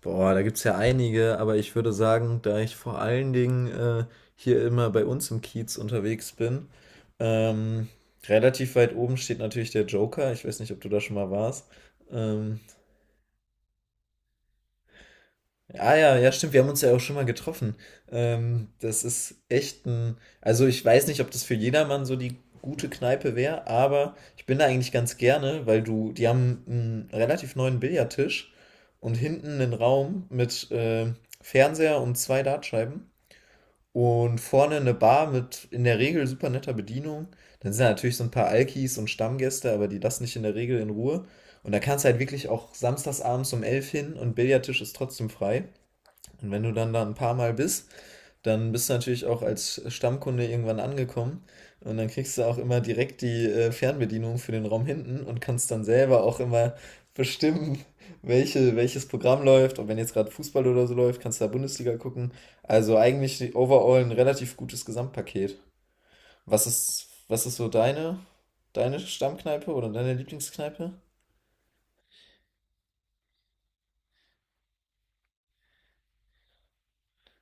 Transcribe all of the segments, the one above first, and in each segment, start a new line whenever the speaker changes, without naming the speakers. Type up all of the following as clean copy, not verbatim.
Boah, da gibt's ja einige, aber ich würde sagen, da ich vor allen Dingen hier immer bei uns im Kiez unterwegs bin, ähm, relativ weit oben steht natürlich der Joker. Ich weiß nicht, ob du da schon mal warst. Ähm, Ah ja, ja, stimmt, wir haben uns ja auch schon mal getroffen. Das ist echt also ich weiß nicht, ob das für jedermann so die gute Kneipe wäre, aber ich bin da eigentlich ganz gerne, die haben einen relativ neuen Billardtisch und hinten einen Raum mit Fernseher und zwei Dartscheiben und vorne eine Bar mit in der Regel super netter Bedienung. Dann sind da natürlich so ein paar Alkis und Stammgäste, aber die lassen dich in der Regel in Ruhe. Und da kannst du halt wirklich auch samstagsabends um 11 hin und Billardtisch ist trotzdem frei. Und wenn du dann da ein paar Mal bist, dann bist du natürlich auch als Stammkunde irgendwann angekommen. Und dann kriegst du auch immer direkt die Fernbedienung für den Raum hinten und kannst dann selber auch immer bestimmen, welches Programm läuft. Und wenn jetzt gerade Fußball oder so läuft, kannst du da Bundesliga gucken. Also eigentlich overall ein relativ gutes Gesamtpaket. Was ist so deine Stammkneipe oder deine Lieblingskneipe?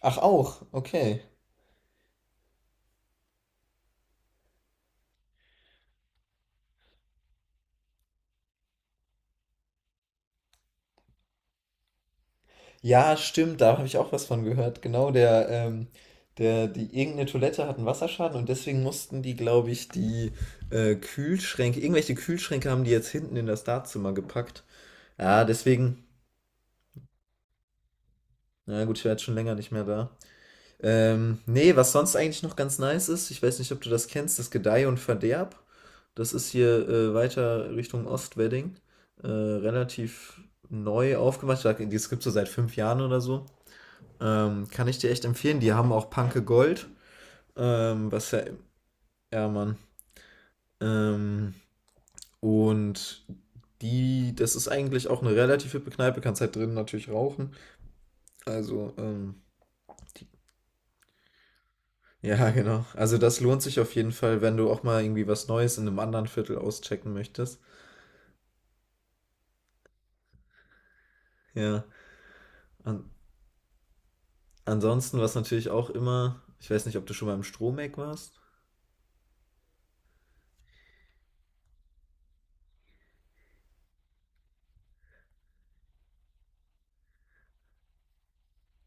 Ach, auch, okay. Ja, stimmt, da habe ich auch was von gehört. Genau, die irgendeine Toilette hat einen Wasserschaden, und deswegen mussten die, glaube ich, die Kühlschränke, irgendwelche Kühlschränke haben die jetzt hinten in das Dartzimmer gepackt. Ja, deswegen, na gut, ich war jetzt schon länger nicht mehr da. Nee, was sonst eigentlich noch ganz nice ist, ich weiß nicht, ob du das kennst, das Gedeih und Verderb. Das ist hier weiter Richtung Ostwedding. Relativ neu aufgemacht. Das gibt es so seit 5 Jahren oder so. Kann ich dir echt empfehlen. Die haben auch Panke Gold. Was ja, ja, Mann. Ähm, und das ist eigentlich auch eine relativ hippe Kneipe, kannst halt drinnen natürlich rauchen. Also, ja, genau. Also das lohnt sich auf jeden Fall, wenn du auch mal irgendwie was Neues in einem anderen Viertel auschecken möchtest. Ja. An ansonsten, was natürlich auch immer, ich weiß nicht, ob du schon mal im Stromeck warst.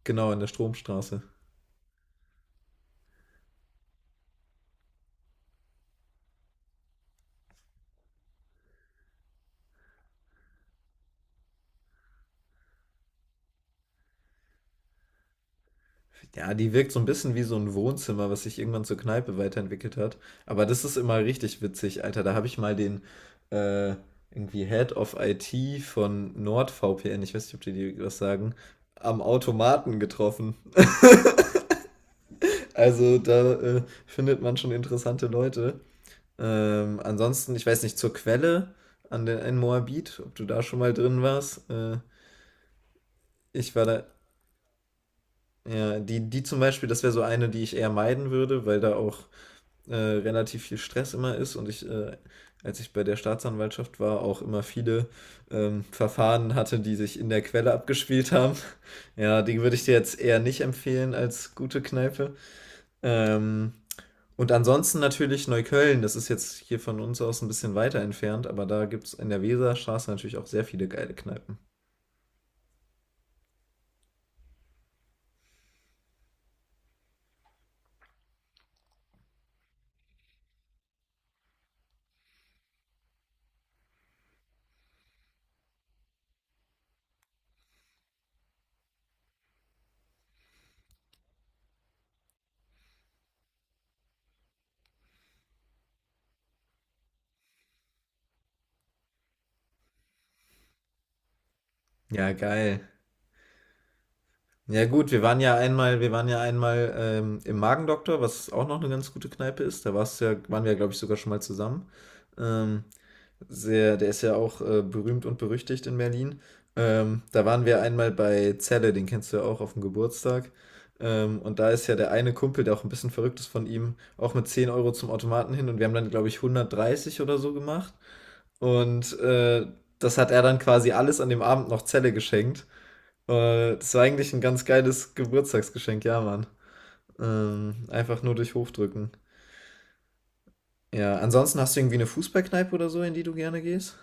Genau, in der Stromstraße. Ja, die wirkt so ein bisschen wie so ein Wohnzimmer, was sich irgendwann zur Kneipe weiterentwickelt hat. Aber das ist immer richtig witzig, Alter. Da habe ich mal den äh, irgendwie Head of IT von NordVPN, ich weiß nicht, ob die dir was sagen, am Automaten getroffen. Also da findet man schon interessante Leute. Ansonsten, ich weiß nicht, zur Quelle an den in Moabit, ob du da schon mal drin warst. Ich war da, ja, die zum Beispiel, das wäre so eine, die ich eher meiden würde, weil da auch relativ viel Stress immer ist, und als ich bei der Staatsanwaltschaft war, auch immer viele Verfahren hatte, die sich in der Quelle abgespielt haben. Ja, die würde ich dir jetzt eher nicht empfehlen als gute Kneipe. Ähm, und ansonsten natürlich Neukölln, das ist jetzt hier von uns aus ein bisschen weiter entfernt, aber da gibt es in der Weserstraße natürlich auch sehr viele geile Kneipen. Ja, geil. Ja gut, wir waren ja einmal im Magendoktor, was auch noch eine ganz gute Kneipe ist. Da warst du ja, waren wir ja, glaube ich, sogar schon mal zusammen. Ähm, sehr, der ist ja auch berühmt und berüchtigt in Berlin. Da waren wir einmal bei Zelle, den kennst du ja auch auf dem Geburtstag. Und da ist ja der eine Kumpel, der auch ein bisschen verrückt ist, von ihm, auch mit 10 Euro zum Automaten hin, und wir haben dann, glaube ich, 130 oder so gemacht. Und das hat er dann quasi alles an dem Abend noch Zelle geschenkt. Das war eigentlich ein ganz geiles Geburtstagsgeschenk, ja, Mann. Einfach nur durch Hochdrücken. Ja, ansonsten hast du irgendwie eine Fußballkneipe oder so, in die du gerne gehst?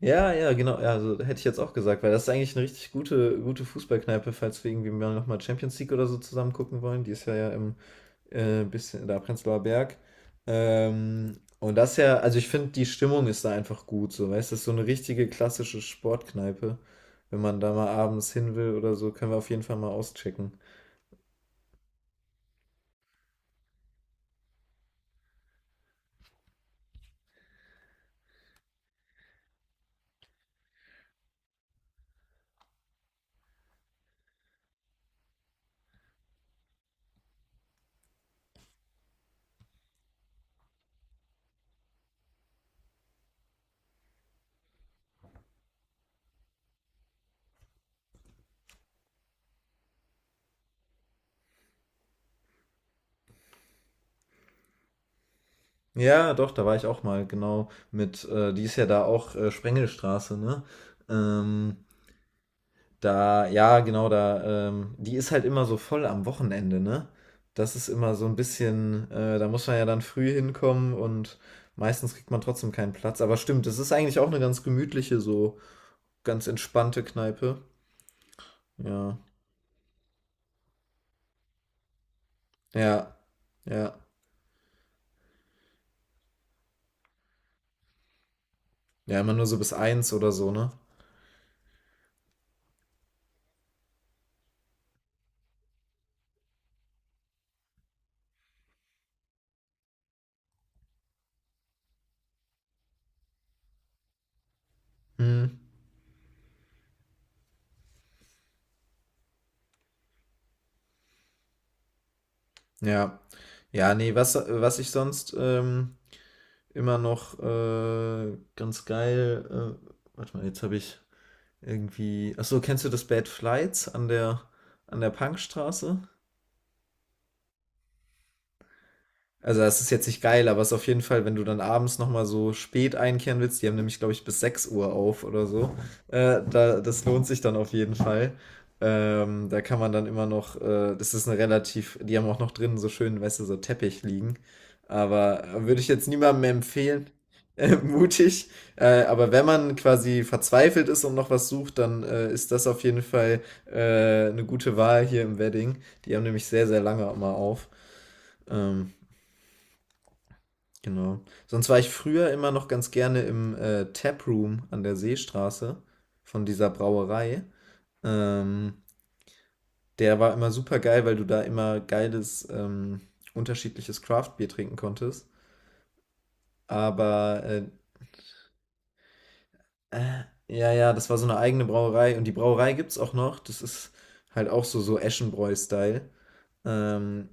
Ja, ja, genau. Ja, also hätte ich jetzt auch gesagt, weil das ist eigentlich eine richtig gute, gute Fußballkneipe, falls wir irgendwie mal nochmal Champions League oder so zusammen gucken wollen. Die ist ja, im bisschen da Prenzlauer Berg. Und das ist ja, also ich finde, die Stimmung ist da einfach gut, so, weißt du, das ist so eine richtige klassische Sportkneipe. Wenn man da mal abends hin will oder so, können wir auf jeden Fall mal auschecken. Ja, doch, da war ich auch mal, genau, die ist ja da auch Sprengelstraße, ne? Ähm, ja, genau, die ist halt immer so voll am Wochenende, ne? Das ist immer so ein bisschen, da muss man ja dann früh hinkommen, und meistens kriegt man trotzdem keinen Platz. Aber stimmt, das ist eigentlich auch eine ganz gemütliche, so ganz entspannte Kneipe. Ja, ja, ja. Ja, immer nur so bis 1 oder so, ne? Hm, ja. Ja, nee, was ich sonst immer noch ganz geil. Warte mal, jetzt habe ich irgendwie. Achso, kennst du das Bad Flights an der Punkstraße? Also das ist jetzt nicht geil, aber es ist auf jeden Fall, wenn du dann abends nochmal so spät einkehren willst, die haben nämlich, glaube ich, bis 6 Uhr auf oder so, das lohnt sich dann auf jeden Fall. Da kann man dann immer noch, das ist eine relativ, die haben auch noch drinnen so schön, weißt du, so Teppich liegen. Aber würde ich jetzt niemandem empfehlen, mutig. Aber wenn man quasi verzweifelt ist und noch was sucht, dann ist das auf jeden Fall eine gute Wahl hier im Wedding. Die haben nämlich sehr, sehr lange immer auf. Ähm, Genau Sonst war ich früher immer noch ganz gerne im Taproom an der Seestraße von dieser Brauerei. Ähm, der war immer super geil, weil du da immer geiles, unterschiedliches Craft-Bier trinken konntest. Aber ja, ja, das war so eine eigene Brauerei. Und die Brauerei gibt's auch noch. Das ist halt auch so, so Eschenbräu-Style. Ähm,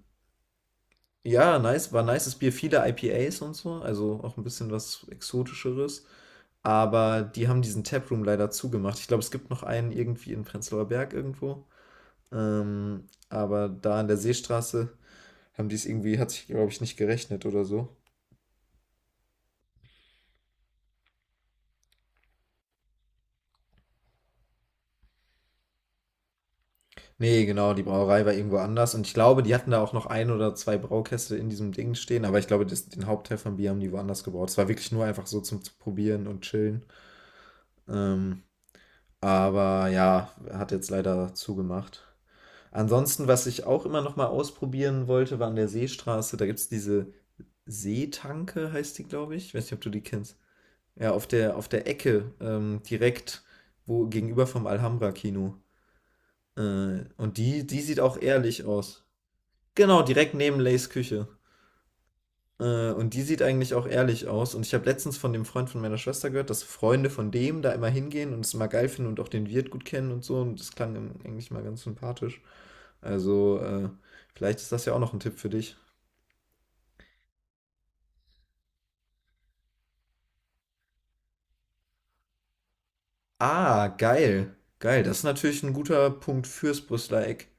ja, nice, war nices Bier, viele IPAs und so, also auch ein bisschen was Exotischeres. Aber die haben diesen Taproom leider zugemacht. Ich glaube, es gibt noch einen irgendwie in Prenzlauer Berg irgendwo. Aber da an der Seestraße haben die es irgendwie, hat sich, glaube ich, nicht gerechnet oder so. Nee, genau, die Brauerei war irgendwo anders. Und ich glaube, die hatten da auch noch ein oder zwei Braukäste in diesem Ding stehen. Aber ich glaube, den Hauptteil von Bier haben die woanders gebraut. Es war wirklich nur einfach so zum Probieren und Chillen. Ähm, aber ja, hat jetzt leider zugemacht. Ansonsten, was ich auch immer noch mal ausprobieren wollte, war an der Seestraße. Da gibt es diese Seetanke, heißt die, glaube ich. Ich weiß nicht, ob du die kennst. Ja, auf der Ecke, direkt gegenüber vom Alhambra-Kino. Und die sieht auch ehrlich aus. Genau, direkt neben Lays Küche. Und die sieht eigentlich auch ehrlich aus. Und ich habe letztens von dem Freund von meiner Schwester gehört, dass Freunde von dem da immer hingehen und es mal geil finden und auch den Wirt gut kennen und so. Und das klang ihm eigentlich mal ganz sympathisch. Also, vielleicht ist das ja auch noch ein Tipp für dich. Ah, geil. Geil, das ist natürlich ein guter Punkt fürs Brüsseler Eck.